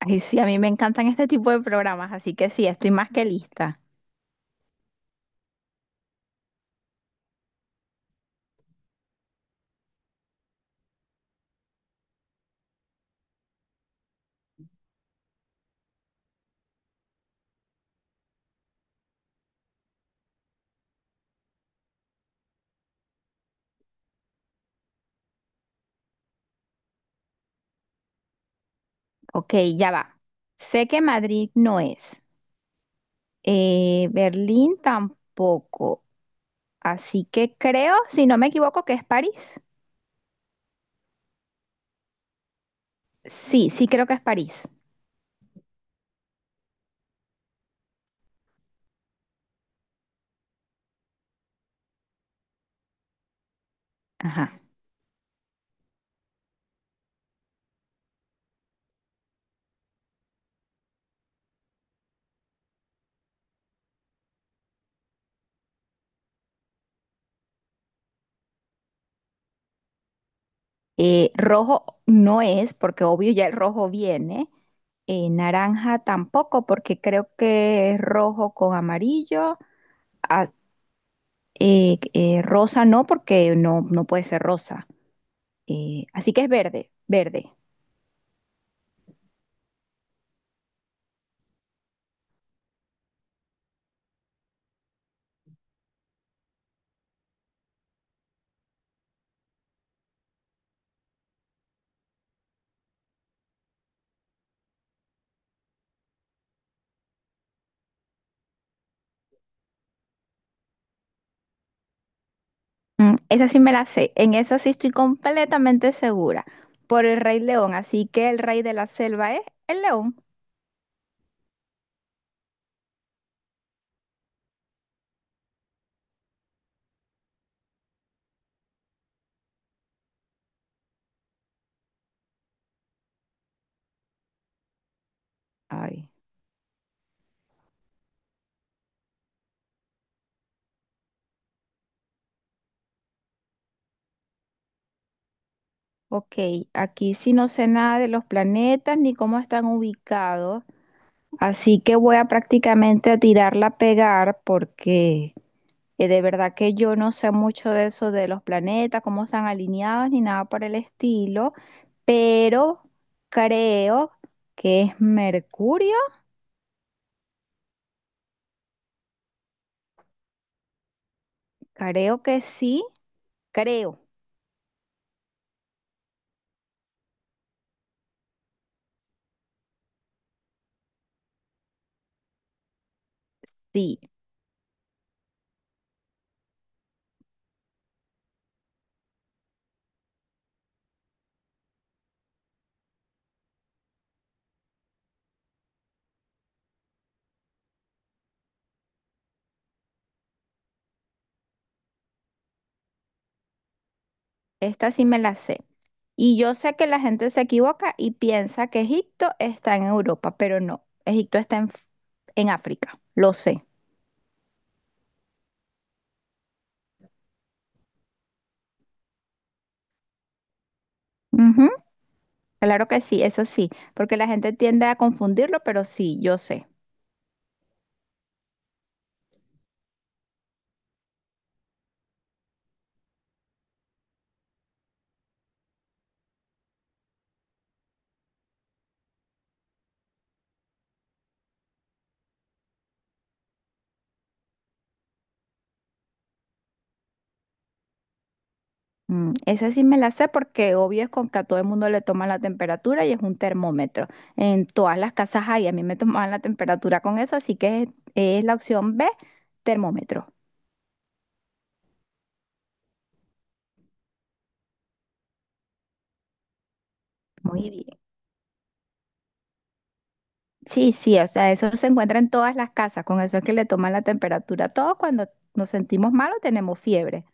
Ay, sí, a mí me encantan este tipo de programas, así que sí, estoy más que lista. Ok, ya va. Sé que Madrid no es, Berlín tampoco, así que creo, si no me equivoco, que es París. Sí, sí creo que es París. Ajá. Rojo no es, porque obvio ya el rojo viene. Naranja tampoco, porque creo que es rojo con amarillo. Ah, Rosa no, porque no, no puede ser rosa. Así que es verde, verde. Mm, esa sí me la sé, en esa sí estoy completamente segura, por el Rey León, así que el rey de la selva es el león. Ay, ok, aquí sí no sé nada de los planetas ni cómo están ubicados, así que voy a prácticamente a tirarla a pegar porque de verdad que yo no sé mucho de eso de los planetas, cómo están alineados ni nada por el estilo, pero creo que es Mercurio, creo que sí, creo, sí. Esta sí me la sé. Y yo sé que la gente se equivoca y piensa que Egipto está en Europa, pero no. Egipto está en África, lo sé. Ujú, claro que sí, eso sí, porque la gente tiende a confundirlo, pero sí, yo sé. Mm, esa sí me la sé porque obvio es con que a todo el mundo le toman la temperatura y es un termómetro. En todas las casas hay, a mí me tomaban la temperatura con eso, así es la opción B, termómetro. Muy bien. Sí, sí, o sea, eso se encuentra en todas las casas, con eso es que le toman la temperatura. Todos cuando nos sentimos mal o tenemos fiebre.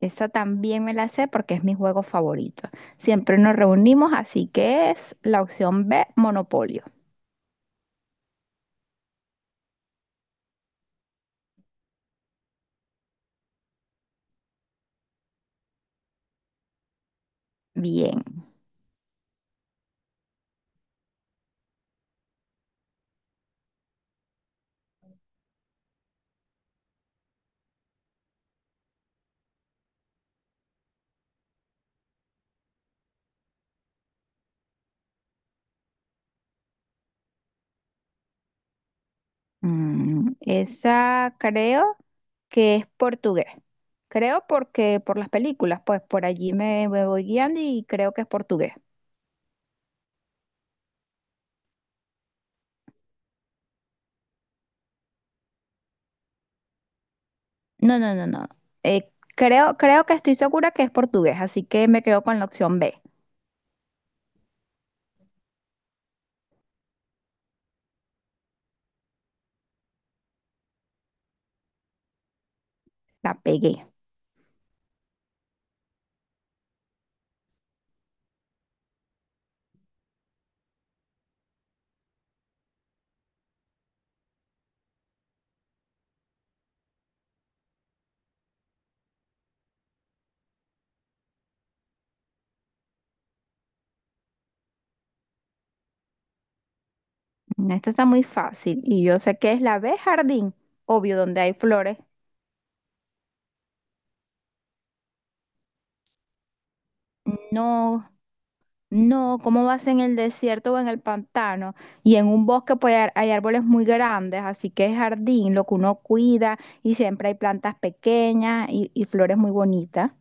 Esa también me la sé porque es mi juego favorito. Siempre nos reunimos, así que es la opción B, Monopolio. Bien. Mm, esa creo que es portugués. Creo porque por las películas, pues por allí me voy guiando y creo que es portugués. No, no, no, no. Eh, Creo, creo que estoy segura que es portugués, así que me quedo con la opción B. La pegué. Esta está muy fácil y yo sé que es la B, jardín, obvio, donde hay flores. No, no, ¿cómo vas en el desierto o en el pantano? Y en un bosque pues hay hay árboles muy grandes, así que es jardín, lo que uno cuida y siempre hay plantas pequeñas y flores muy bonitas.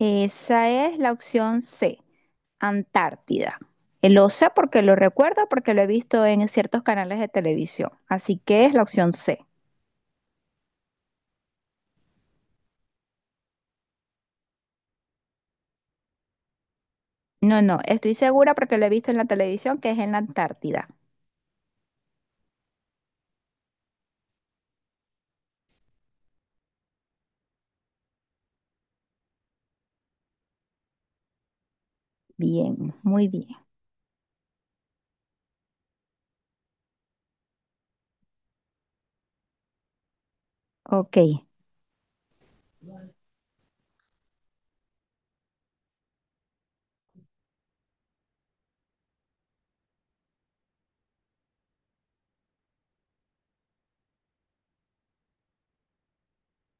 Esa es la opción C, Antártida. Lo sé porque lo recuerdo, porque lo he visto en ciertos canales de televisión, así que es la opción C. No, no, estoy segura porque lo he visto en la televisión que es en la Antártida. Bien, muy bien. Ok,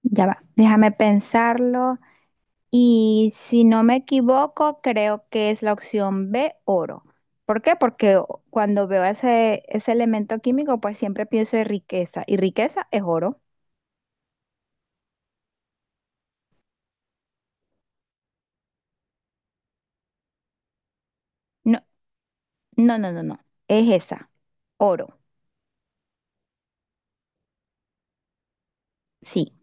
ya va. Déjame pensarlo. Y si no me equivoco, creo que es la opción B, oro. ¿Por qué? Cuando veo ese elemento químico, pues siempre pienso en riqueza. Y riqueza es oro. No, no, no, no, no. Es esa. Oro. Sí,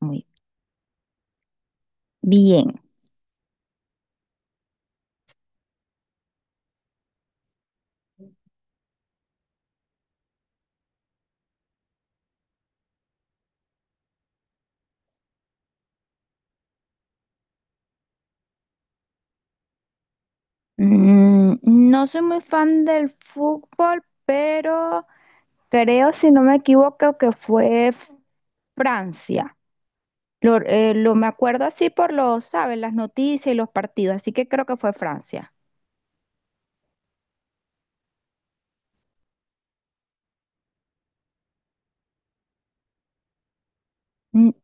muy bien. Mm, no soy muy fan del fútbol, pero creo, si no me equivoco, Francia. Me acuerdo así por los, ¿sabes? Las noticias y los partidos, así que creo que fue Francia. N-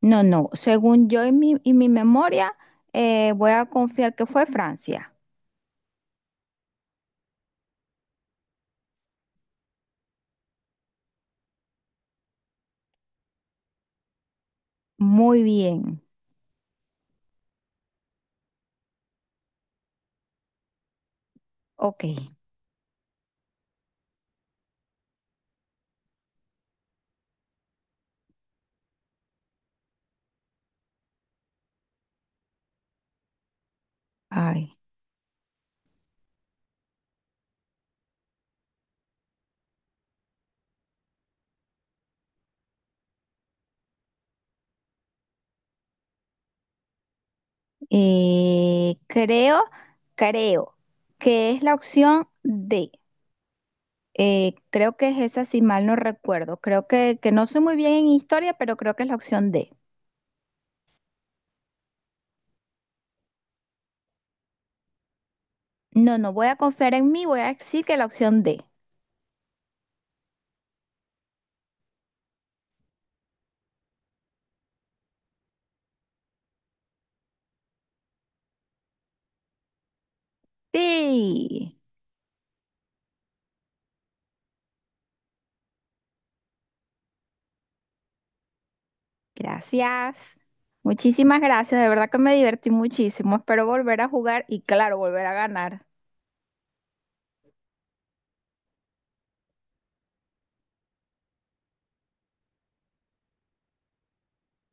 No, no, según yo y y mi memoria, voy a confiar que fue Francia. Muy bien, ok. Ay, creo, creo que es la opción D. Creo que es esa, si mal no recuerdo. Creo que no soy muy bien en historia, pero creo que es la opción D. No, no voy a confiar en mí, voy a decir que la opción D. Sí, gracias. Muchísimas gracias, de verdad que me divertí muchísimo. Espero volver a jugar y claro, volver a ganar.